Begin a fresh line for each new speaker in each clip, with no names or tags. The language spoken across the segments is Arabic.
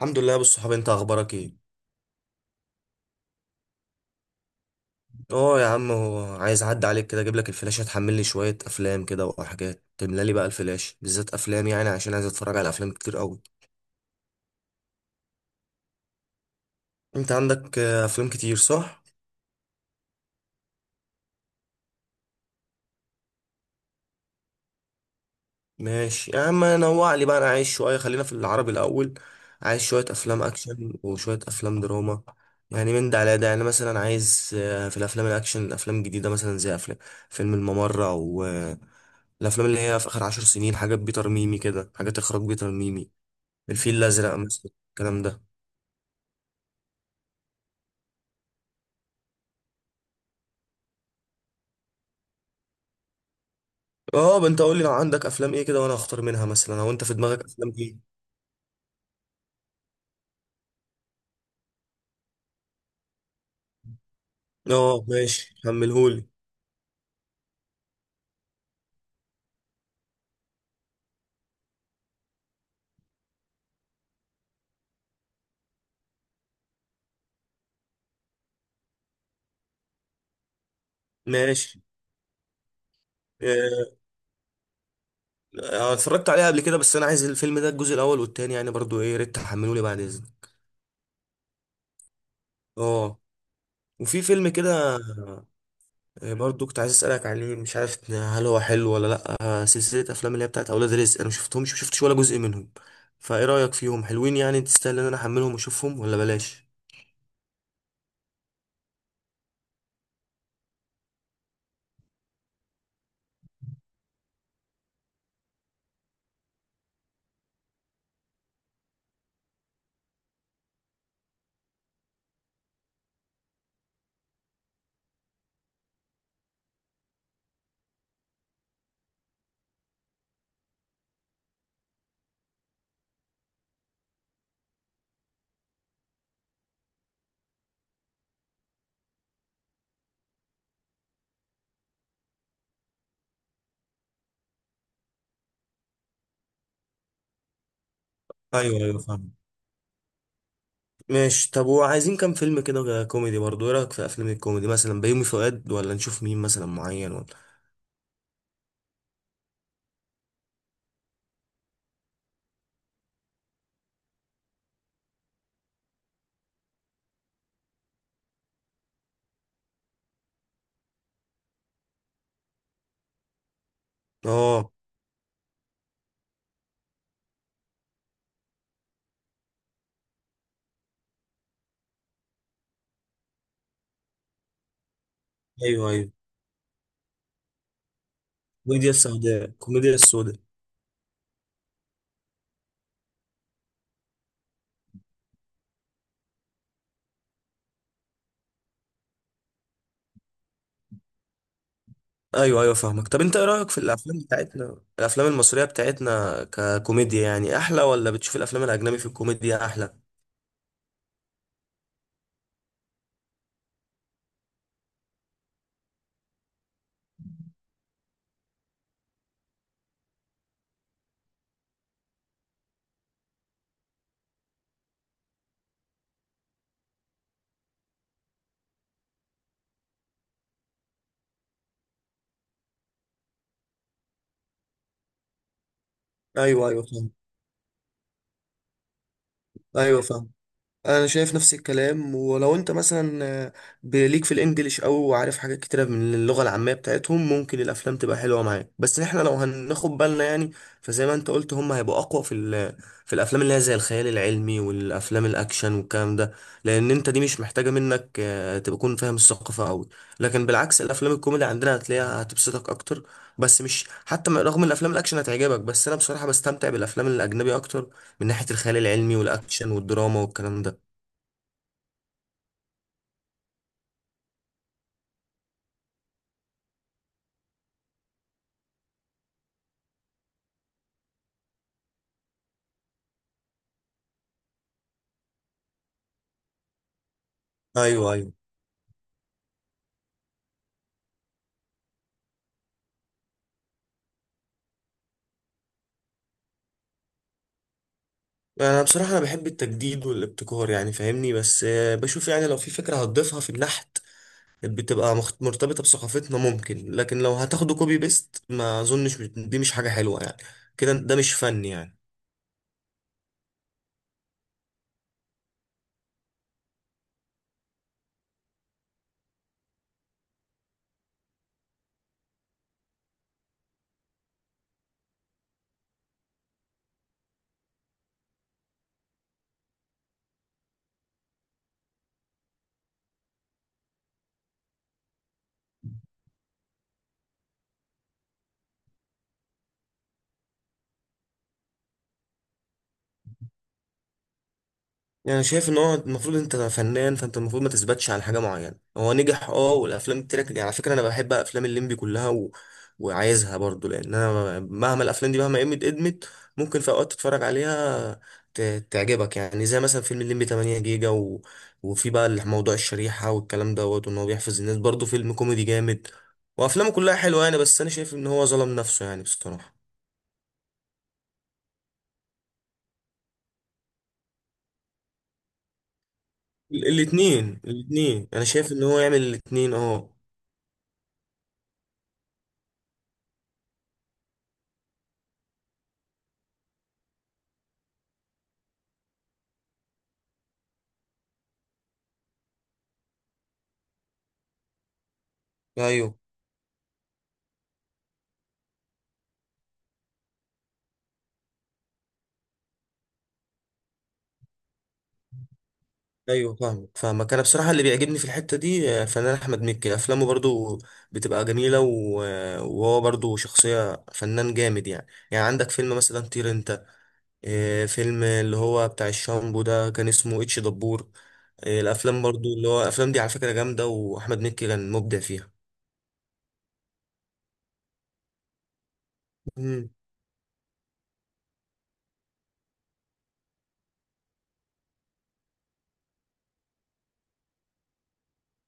الحمد لله يا ابو الصحاب، انت اخبارك ايه؟ اه يا عم، هو عايز اعدي عليك كده اجيب لك الفلاشه تحمل لي شويه افلام كده وحاجات، تملى لي بقى الفلاشه بالذات افلام يعني عشان عايز اتفرج على افلام كتير قوي. انت عندك افلام كتير، صح؟ ماشي يا عم، نوع لي بقى انا عايز شويه، خلينا في العربي الاول. عايز شويه افلام اكشن وشويه افلام دراما، يعني من ده على ده، يعني مثلا عايز في الافلام الاكشن افلام جديده مثلا زي افلام فيلم الممر، او الافلام اللي هي في اخر 10 سنين، حاجات بيتر ميمي كده، حاجات اخراج بيتر ميمي، الفيل الازرق مثلا، الكلام ده. اه انت قول لي لو عندك افلام ايه كده وانا اختار منها مثلا، او انت في دماغك افلام ايه؟ اه ماشي كملهولي. ماشي. آه، اتفرجت عليها قبل كده، بس انا عايز الفيلم ده الجزء الاول والتاني يعني برضو ايه، يا ريت تحملولي بعد اذنك. اه، وفي فيلم كده. برضو كنت عايز اسالك عليه، مش عارف هل هو حلو ولا لا. سلسله افلام اللي هي بتاعت اولاد رزق، انا ما شفتهمش ما شفتش ولا جزء منهم، فايه رايك فيهم؟ حلوين يعني تستاهل ان انا احملهم واشوفهم ولا بلاش؟ ايوه ايوه فاهم. ماشي. طب وعايزين كام فيلم كده كوميدي برضه، ايه رأيك في افلام الكوميدي مثلا بيومي فؤاد، ولا نشوف مين مثلا معين، ولا؟ اه ايوه ايوه، الكوميديا السوداء الكوميديا السوداء. ايوه ايوه فاهمك. طب انت ايه رأيك في الافلام بتاعتنا الافلام المصرية بتاعتنا ككوميديا، يعني احلى ولا بتشوف الافلام الاجنبي في الكوميديا احلى؟ ايوه ايوه فاهم. ايوه فاهم، انا شايف نفس الكلام. ولو انت مثلا بليك في الانجليش او عارف حاجات كتيره من اللغه العاميه بتاعتهم ممكن الافلام تبقى حلوه معاك، بس احنا لو هناخد بالنا يعني. فزي ما انت قلت هم هيبقوا اقوى في في الافلام اللي هي زي الخيال العلمي والافلام الاكشن والكلام ده، لان انت دي مش محتاجه منك تبقى تكون فاهم الثقافه قوي، لكن بالعكس الافلام الكوميدي عندنا هتلاقيها هتبسطك اكتر. بس مش حتى رغم ان الافلام الاكشن هتعجبك، بس انا بصراحه بستمتع بالافلام الاجنبي اكتر من ناحيه الخيال العلمي والاكشن والدراما والكلام ده. ايوه ايوه. انا بصراحه بحب التجديد والابتكار يعني فاهمني، بس بشوف يعني لو في فكره هتضيفها في النحت بتبقى مرتبطه بثقافتنا ممكن، لكن لو هتاخده كوبي بيست ما اظنش، دي مش حاجه حلوه يعني، كده ده مش فن يعني. يعني أنا شايف ان هو المفروض انت فنان، فانت المفروض ما تثبتش على حاجه معينه، هو نجح اه والافلام بتاعتك، يعني على فكره انا بحب افلام الليمبي كلها وعايزها برضو، لان انا مهما الافلام دي مهما قيمت ادمت ممكن في اوقات تتفرج عليها ت... تعجبك، يعني زي مثلا فيلم الليمبي 8 جيجا وفي بقى موضوع الشريحه والكلام دوت، وان هو بيحفظ الناس، برضو فيلم كوميدي جامد، وافلامه كلها حلوه يعني، بس انا شايف ان هو ظلم نفسه يعني بصراحه. الاتنين الاتنين، انا شايف ان هو يعمل الاتنين اه. ايوه ايوه فاهمك فاهمك، انا بصراحه اللي بيعجبني في الحته دي فنان احمد مكي، افلامه برضو بتبقى جميله وهو برضو شخصيه فنان جامد يعني عندك فيلم مثلا طير انت، فيلم اللي هو بتاع الشامبو ده كان اسمه اتش دبور، الافلام برضو اللي هو الافلام دي على فكره جامده، واحمد مكي كان مبدع فيها. مم.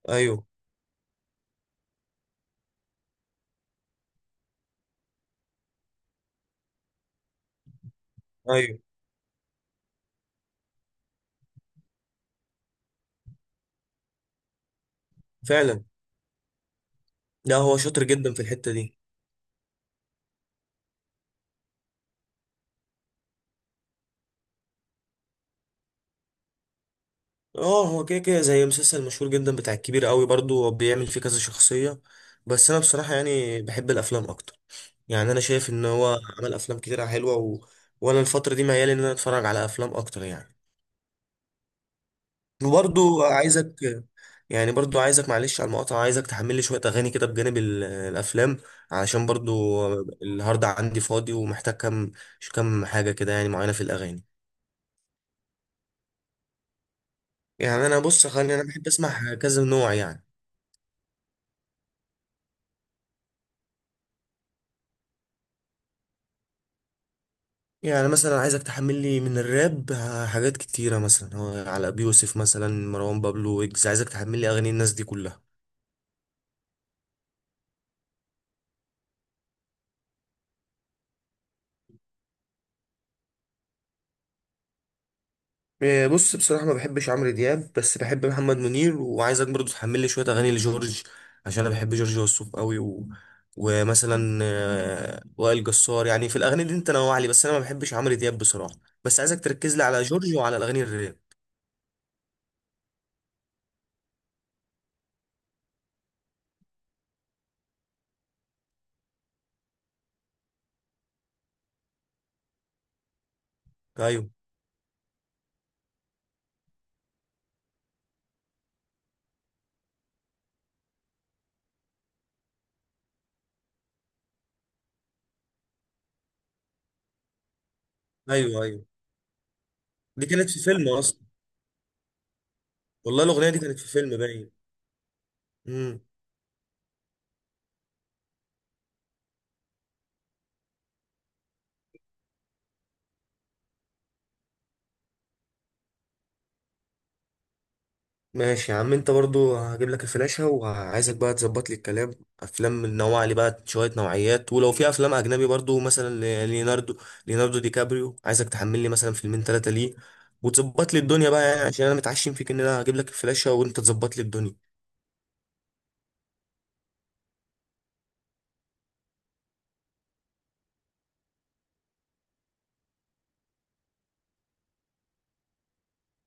ايوه ايوه فعلا، لا هو شاطر جدا في الحته دي. اه، هو كده كده زي مسلسل مشهور جدا بتاع الكبير قوي، برضو هو بيعمل فيه كذا شخصية، بس انا بصراحة يعني بحب الافلام اكتر. يعني انا شايف ان هو عمل افلام كتيرة حلوة وانا الفترة دي ميال ان انا اتفرج على افلام اكتر يعني. وبرضو عايزك يعني برضو عايزك، معلش على المقاطعة، عايزك تحمل لي شوية اغاني كده بجانب الافلام، علشان برضو النهاردة عندي فاضي ومحتاج كم حاجة كده، يعني معينة في الاغاني. يعني انا بص، خليني انا بحب اسمع كذا نوع يعني. يعني مثلا عايزك تحمل لي من الراب حاجات كتيرة، مثلا هو على أبي يوسف، مثلا مروان بابلو، ويجز، عايزك تحمل لي أغاني الناس دي كلها. إيه، بص بصراحة ما بحبش عمرو دياب بس بحب محمد منير، وعايزك برضو تحمل لي شوية أغاني لجورج عشان أنا بحب جورج وسوف قوي ومثلا وائل جسار، يعني في الأغاني دي أنت نوع لي، بس أنا ما بحبش عمرو دياب بصراحة، بس عايزك تركز لي على جورج وعلى الأغاني الراب. أيوه أيوه أيوه، دي كانت في فيلم أصلا. والله الأغنية دي كانت في فيلم، باين. ماشي يا عم، انت برضو هجيب لك الفلاشة وعايزك بقى تظبط لي الكلام، افلام نوع لي بقى شوية نوعيات، ولو في افلام اجنبي برضو مثلا ليوناردو، ليوناردو دي كابريو، عايزك تحمل لي مثلا فيلمين ثلاثة ليه، وتظبط لي الدنيا بقى يعني عشان انا متعشم فيك ان انا هجيب لك الفلاشة وانت تظبط لي الدنيا.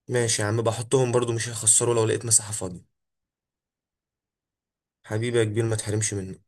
ماشي يا عم، بحطهم برضو مش هيخسروا لو لقيت مساحة فاضية. حبيبي يا كبير، ما تحرمش مني.